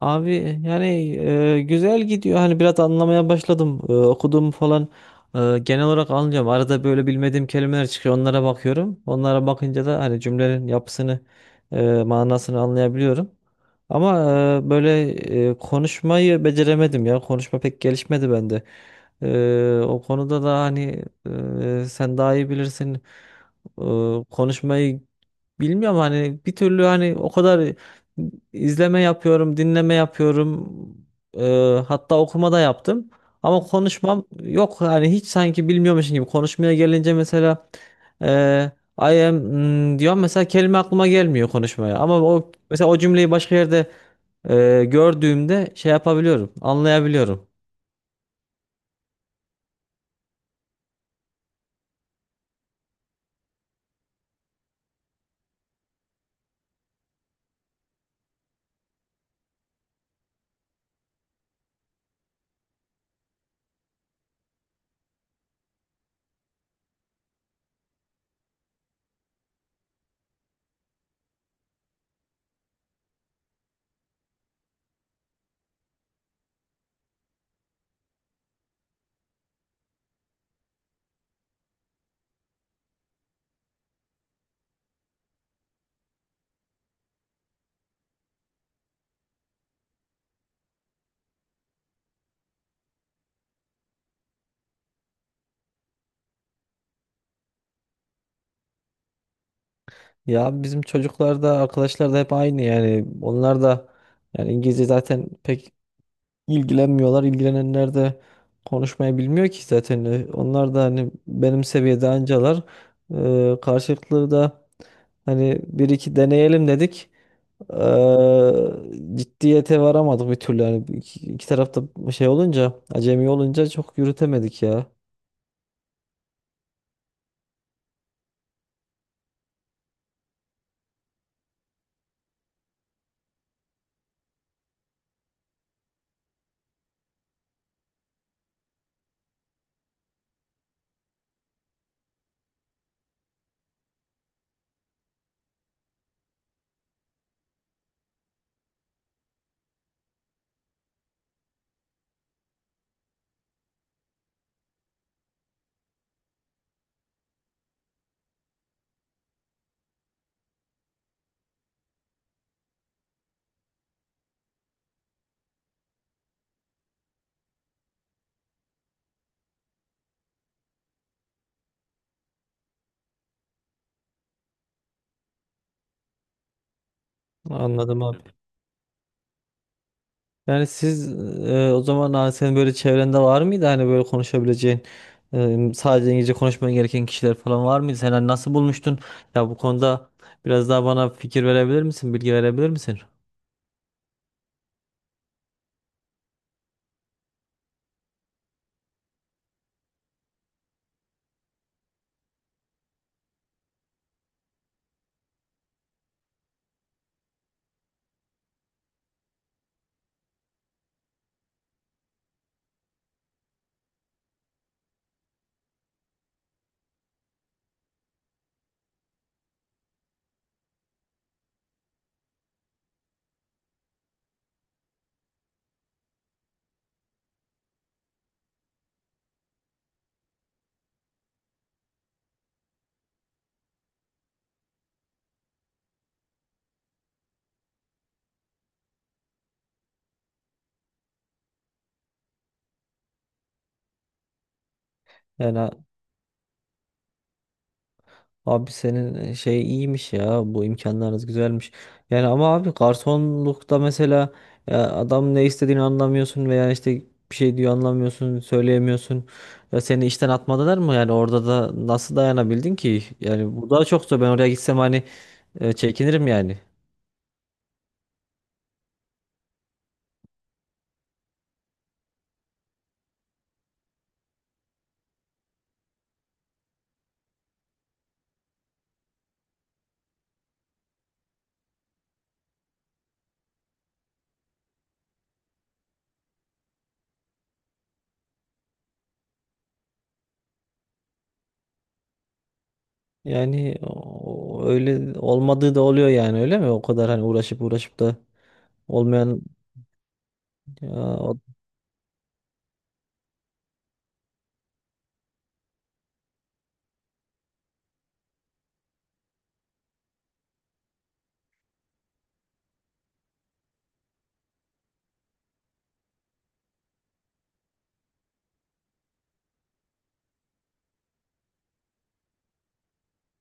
Abi yani güzel gidiyor. Hani biraz anlamaya başladım. Okuduğumu falan genel olarak anlıyorum. Arada böyle bilmediğim kelimeler çıkıyor. Onlara bakıyorum. Onlara bakınca da hani cümlenin yapısını, manasını anlayabiliyorum. Ama e, böyle konuşmayı beceremedim ya. Konuşma pek gelişmedi bende. O konuda da hani sen daha iyi bilirsin. Konuşmayı bilmiyorum hani bir türlü hani o kadar izleme yapıyorum, dinleme yapıyorum. Hatta okuma da yaptım. Ama konuşmam yok hani hiç sanki bilmiyormuşum gibi. Konuşmaya gelince mesela eee I am diyorum mesela kelime aklıma gelmiyor konuşmaya. Ama o mesela o cümleyi başka yerde gördüğümde şey yapabiliyorum, anlayabiliyorum. Ya bizim çocuklar da arkadaşlar da hep aynı yani. Onlar da yani İngilizce zaten pek ilgilenmiyorlar. İlgilenenler de konuşmayı bilmiyor ki zaten. Onlar da hani benim seviyede ancalar. Karşılıklı da hani bir iki deneyelim dedik. Ciddiyete varamadık bir türlü. Yani iki tarafta şey olunca, acemi olunca çok yürütemedik ya. Anladım abi. Yani siz o zaman hani senin böyle çevrende var mıydı hani böyle konuşabileceğin, sadece İngilizce konuşman gereken kişiler falan var mıydı? Sen hani nasıl bulmuştun? Ya bu konuda biraz daha bana fikir verebilir misin? Bilgi verebilir misin? Yani abi senin şey iyiymiş ya, bu imkanlarınız güzelmiş. Yani ama abi garsonlukta mesela ya adam ne istediğini anlamıyorsun veya işte bir şey diyor anlamıyorsun söyleyemiyorsun. Ya seni işten atmadılar mı yani? Orada da nasıl dayanabildin ki? Yani bu daha çok zor, ben oraya gitsem hani çekinirim yani. Yani öyle olmadığı da oluyor yani, öyle mi? O kadar hani uğraşıp uğraşıp da olmayan ya, o-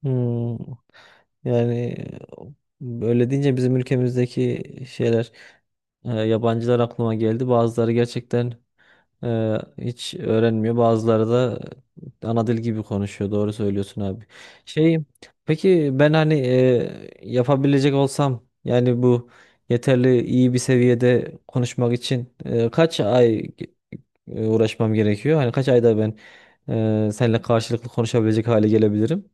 hmm. Yani böyle deyince bizim ülkemizdeki şeyler, yabancılar aklıma geldi. Bazıları gerçekten e, hiç öğrenmiyor. Bazıları da ana dil gibi konuşuyor. Doğru söylüyorsun abi. Şey, peki ben hani yapabilecek olsam, yani bu yeterli iyi bir seviyede konuşmak için e, kaç ay ge- e, uğraşmam gerekiyor? Hani kaç ayda ben seninle karşılıklı konuşabilecek hale gelebilirim?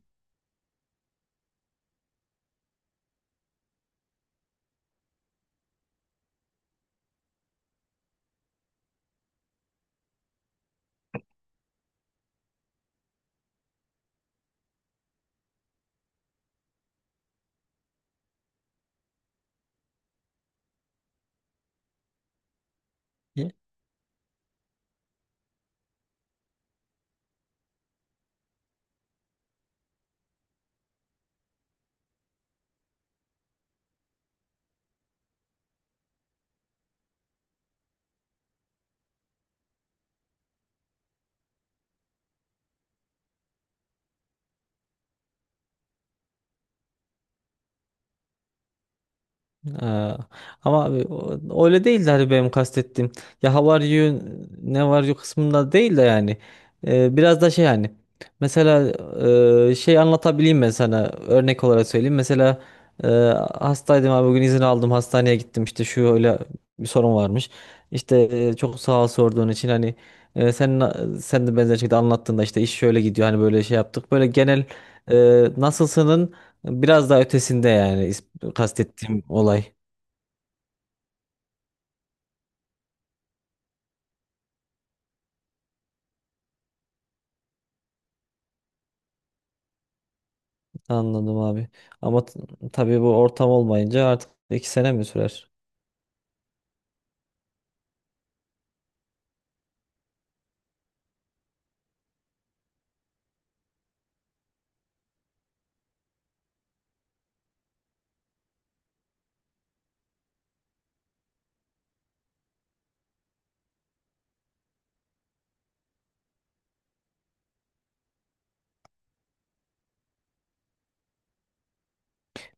Ee, ama abi öyle değil de hani benim kastettiğim ya how are you, ne var you kısmında değil de yani. Biraz da şey, hani mesela şey anlatabileyim ben sana örnek olarak söyleyeyim mesela. e, hastaydım abi bugün, izin aldım hastaneye gittim, işte şu öyle bir sorun varmış, işte çok sağ ol sorduğun için hani. e, sen sen de benzer şekilde anlattığında işte iş şöyle gidiyor hani, böyle şey yaptık, böyle genel e, nasılsının. Biraz daha ötesinde yani, kastettiğim olay. Anladım abi. Ama tabii bu ortam olmayınca artık iki sene mi sürer?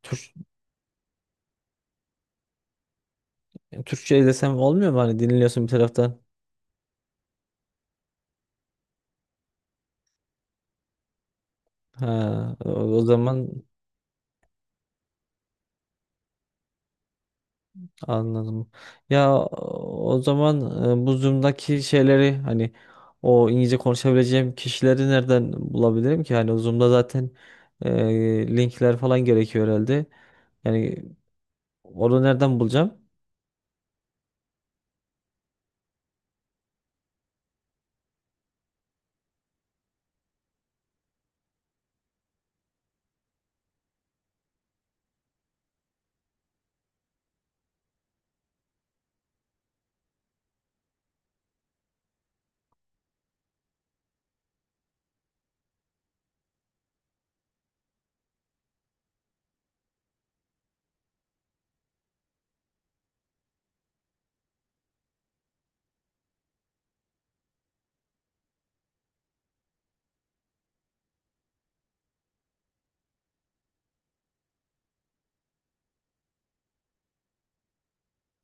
Türk, Türkçe desem olmuyor mu? Hani dinliyorsun bir taraftan. Ha, o zaman anladım. Ya o zaman bu Zoom'daki şeyleri hani o İngilizce konuşabileceğim kişileri nereden bulabilirim ki? Hani o Zoom'da zaten e, linkler falan gerekiyor herhalde. Yani onu nereden bulacağım?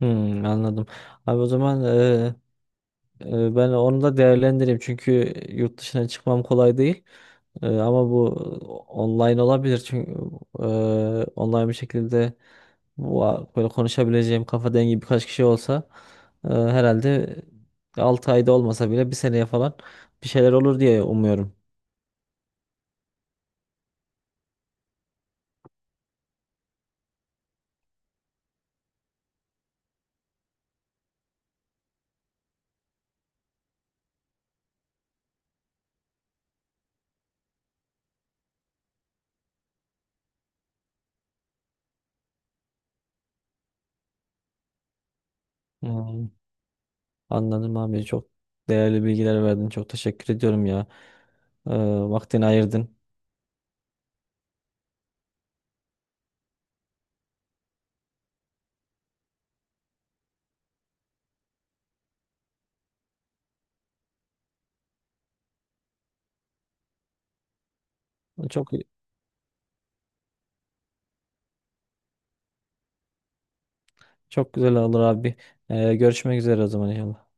Hmm, anladım. Abi o zaman ben onu da değerlendireyim, çünkü yurt dışına çıkmam kolay değil. Ama bu online olabilir, çünkü e, online bir şekilde bu böyle konuşabileceğim kafa dengi birkaç kişi olsa herhalde 6 ayda olmasa bile bir seneye falan bir şeyler olur diye umuyorum. Hmm, anladım abi, çok değerli bilgiler verdin, çok teşekkür ediyorum ya. E, vaktini ayırdın. Çok Çok güzel olur abi. Görüşmek üzere o zaman inşallah.